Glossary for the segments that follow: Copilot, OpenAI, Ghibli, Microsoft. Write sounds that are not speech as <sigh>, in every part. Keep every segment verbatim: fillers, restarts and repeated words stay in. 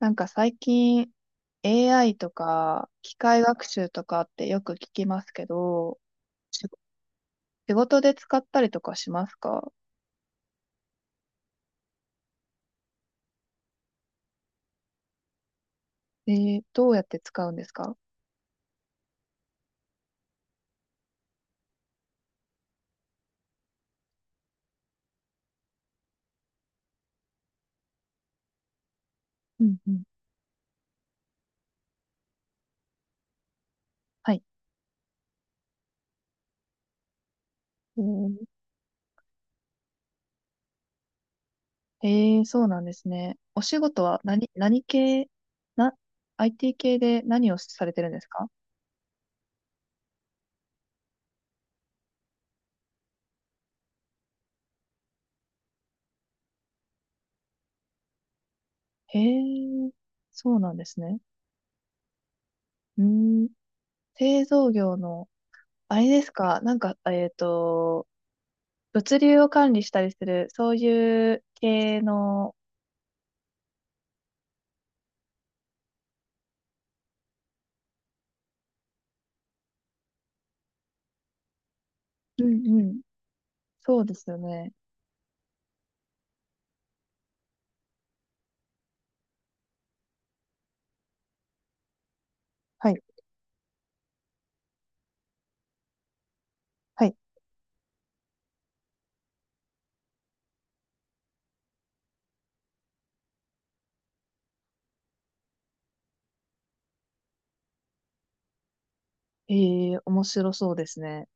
なんか最近 エーアイ とか機械学習とかってよく聞きますけど、仕仕事で使ったりとかしますか？えー、どうやって使うんですか？うんうん。はい。えー、えーそうなんですね。お仕事は何、何系、な、アイティー 系で何をされてるんですか？へえ、そうなんですね。うーん、製造業の、あれですか、なんか、えっと、物流を管理したりする、そういう系の。うんうん。そうですよね。はい。はい。ええ、面白そうですね。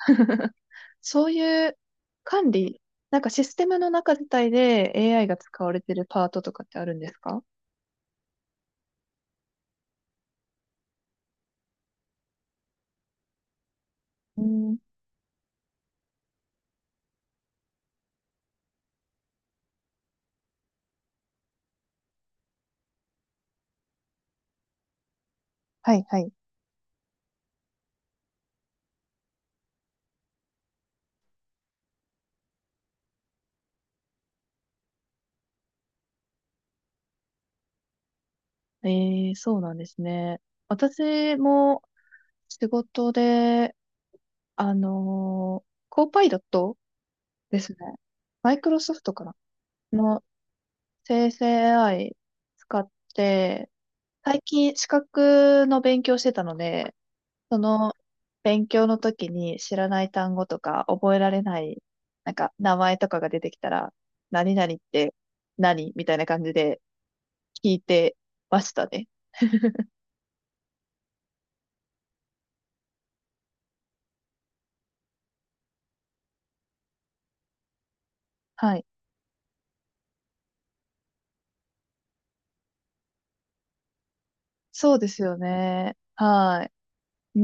<laughs> そういう管理、なんかシステムの中自体で エーアイ が使われてるパートとかってあるんですか？うん。はい、はい。ええ、そうなんですね。私も仕事で、あのーコーパイロットですね。マイクロソフトかなの生成 エーアイ 使って、最近資格の勉強してたので、その勉強の時に知らない単語とか覚えられない、なんか名前とかが出てきたら、何々って何みたいな感じで聞いてましたね。はい。そうですよね。はい。うー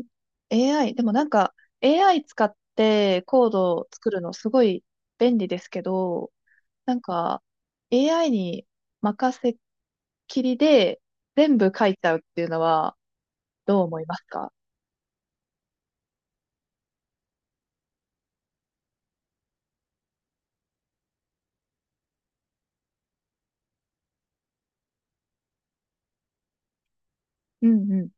ん。エーアイ、でもなんか エーアイ 使ってコードを作るのすごい便利ですけど、なんか、エーアイ に任せっきりで全部書いちゃうっていうのはどう思いますか？うんうん。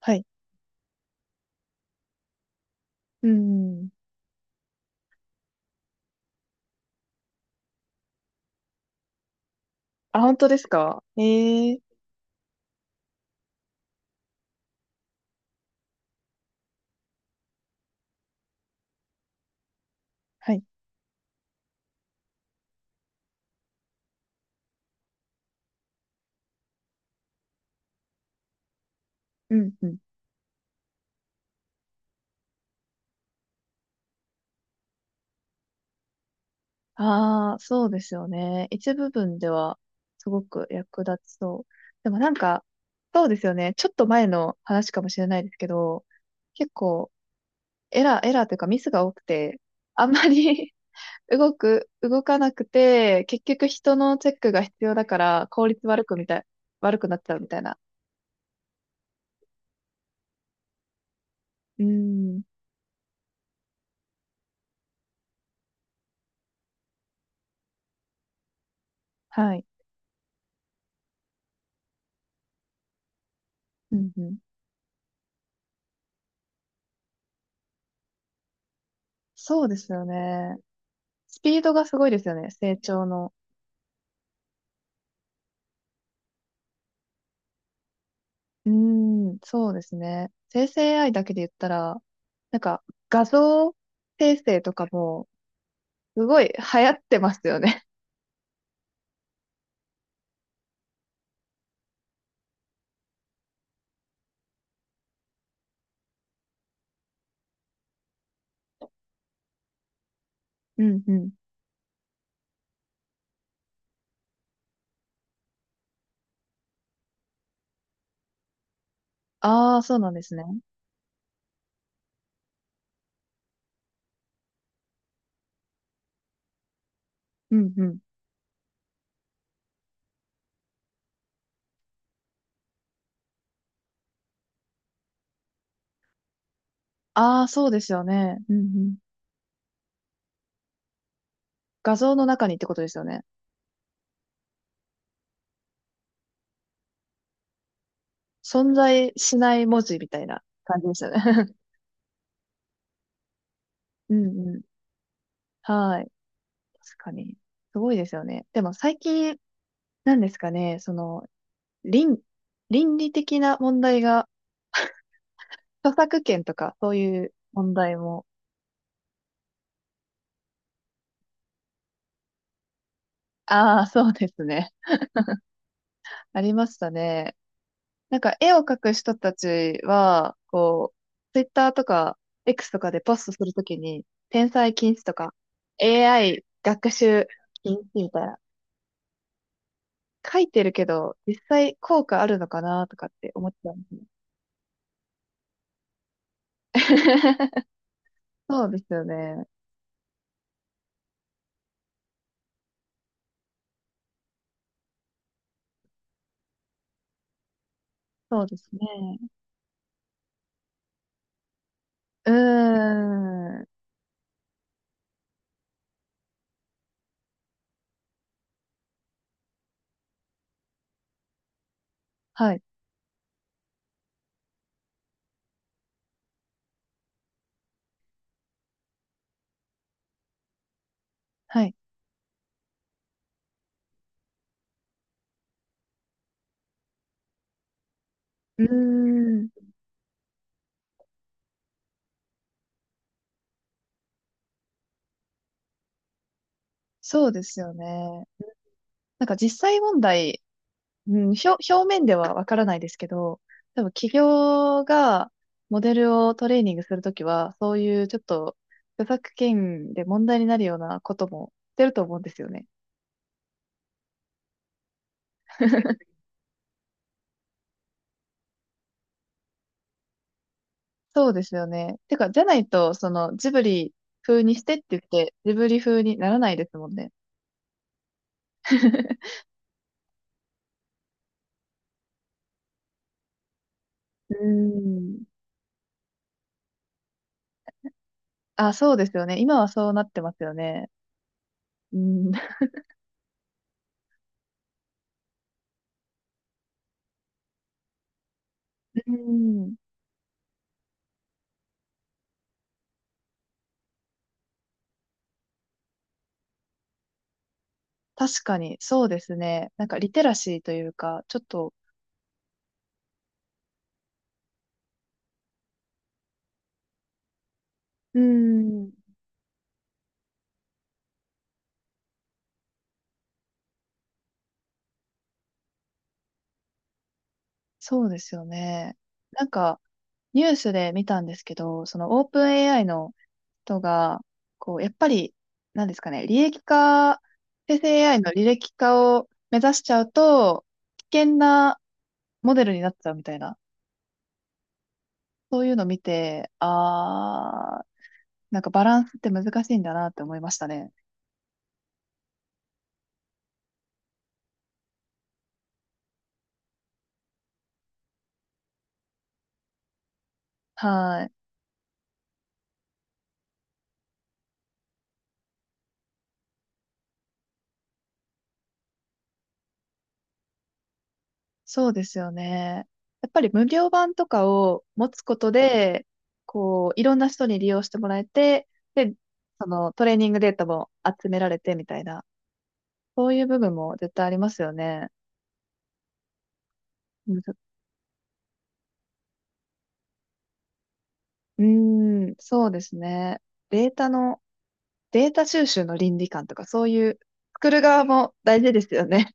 はい。うんうん。あ、本当ですか？ええ。はい。うんうん。ああ、そうですよね。一部分ではすごく役立ちそう。でもなんか、そうですよね。ちょっと前の話かもしれないですけど、結構エラー、エラーというかミスが多くて、あんまり <laughs> 動く、動かなくて、結局人のチェックが必要だから効率悪くみたい、悪くなっちゃうみたいな。うん。はい。うんうん。そうですよね。スピードがすごいですよね、成長の。うん、そうですね。生成 エーアイ だけで言ったら、なんか画像生成とかも、すごい流行ってますよね。<laughs> うんうん。ああ、そうなんですね。うんうん。ああ、そうですよね。うんうん。画像の中にってことですよね。存在しない文字みたいな感じでしたね。<laughs> うんうん。はい。確かに。すごいですよね。でも最近、なんですかね、その、倫、倫理的な問題が、著作権とかそういう問題も。ああ、そうですね。<laughs> ありましたね。なんか絵を描く人たちは、こう、ツイッターとか エックス とかでポストするときに、転載禁止とか、エーアイ 学習禁止みたいな書いてるけど、実際効果あるのかなとかって思っちゃうんですね。<laughs> そうですよね。そうですね。うーん。はい。はい。うーん。そうですよね。なんか実際問題、うん、表、表面ではわからないですけど、多分企業がモデルをトレーニングするときは、そういうちょっと著作権で問題になるようなこともしてると思うんですよね。そうですよね。てか、じゃないと、その、ジブリ風にしてって言って、ジブリ風にならないですもんね。<laughs> うーん。あ、そうですよね。今はそうなってますよね。うん。<laughs> うーん。確かに、そうですね。なんか、リテラシーというか、ちょっと、うーん。そうですよね。なんか、ニュースで見たんですけど、その、オープン エーアイ の人が、こう、やっぱり、なんですかね、利益化、生成 エーアイ の履歴化を目指しちゃうと、危険なモデルになっちゃうみたいな、そういうのを見て、あー、なんかバランスって難しいんだなって思いましたね。はい。そうですよね。やっぱり無料版とかを持つことで、こう、いろんな人に利用してもらえて、で、そのトレーニングデータも集められてみたいな、そういう部分も絶対ありますよね。むずうーん、そうですね。データの、データ収集の倫理観とか、そういう、作る側も大事ですよね。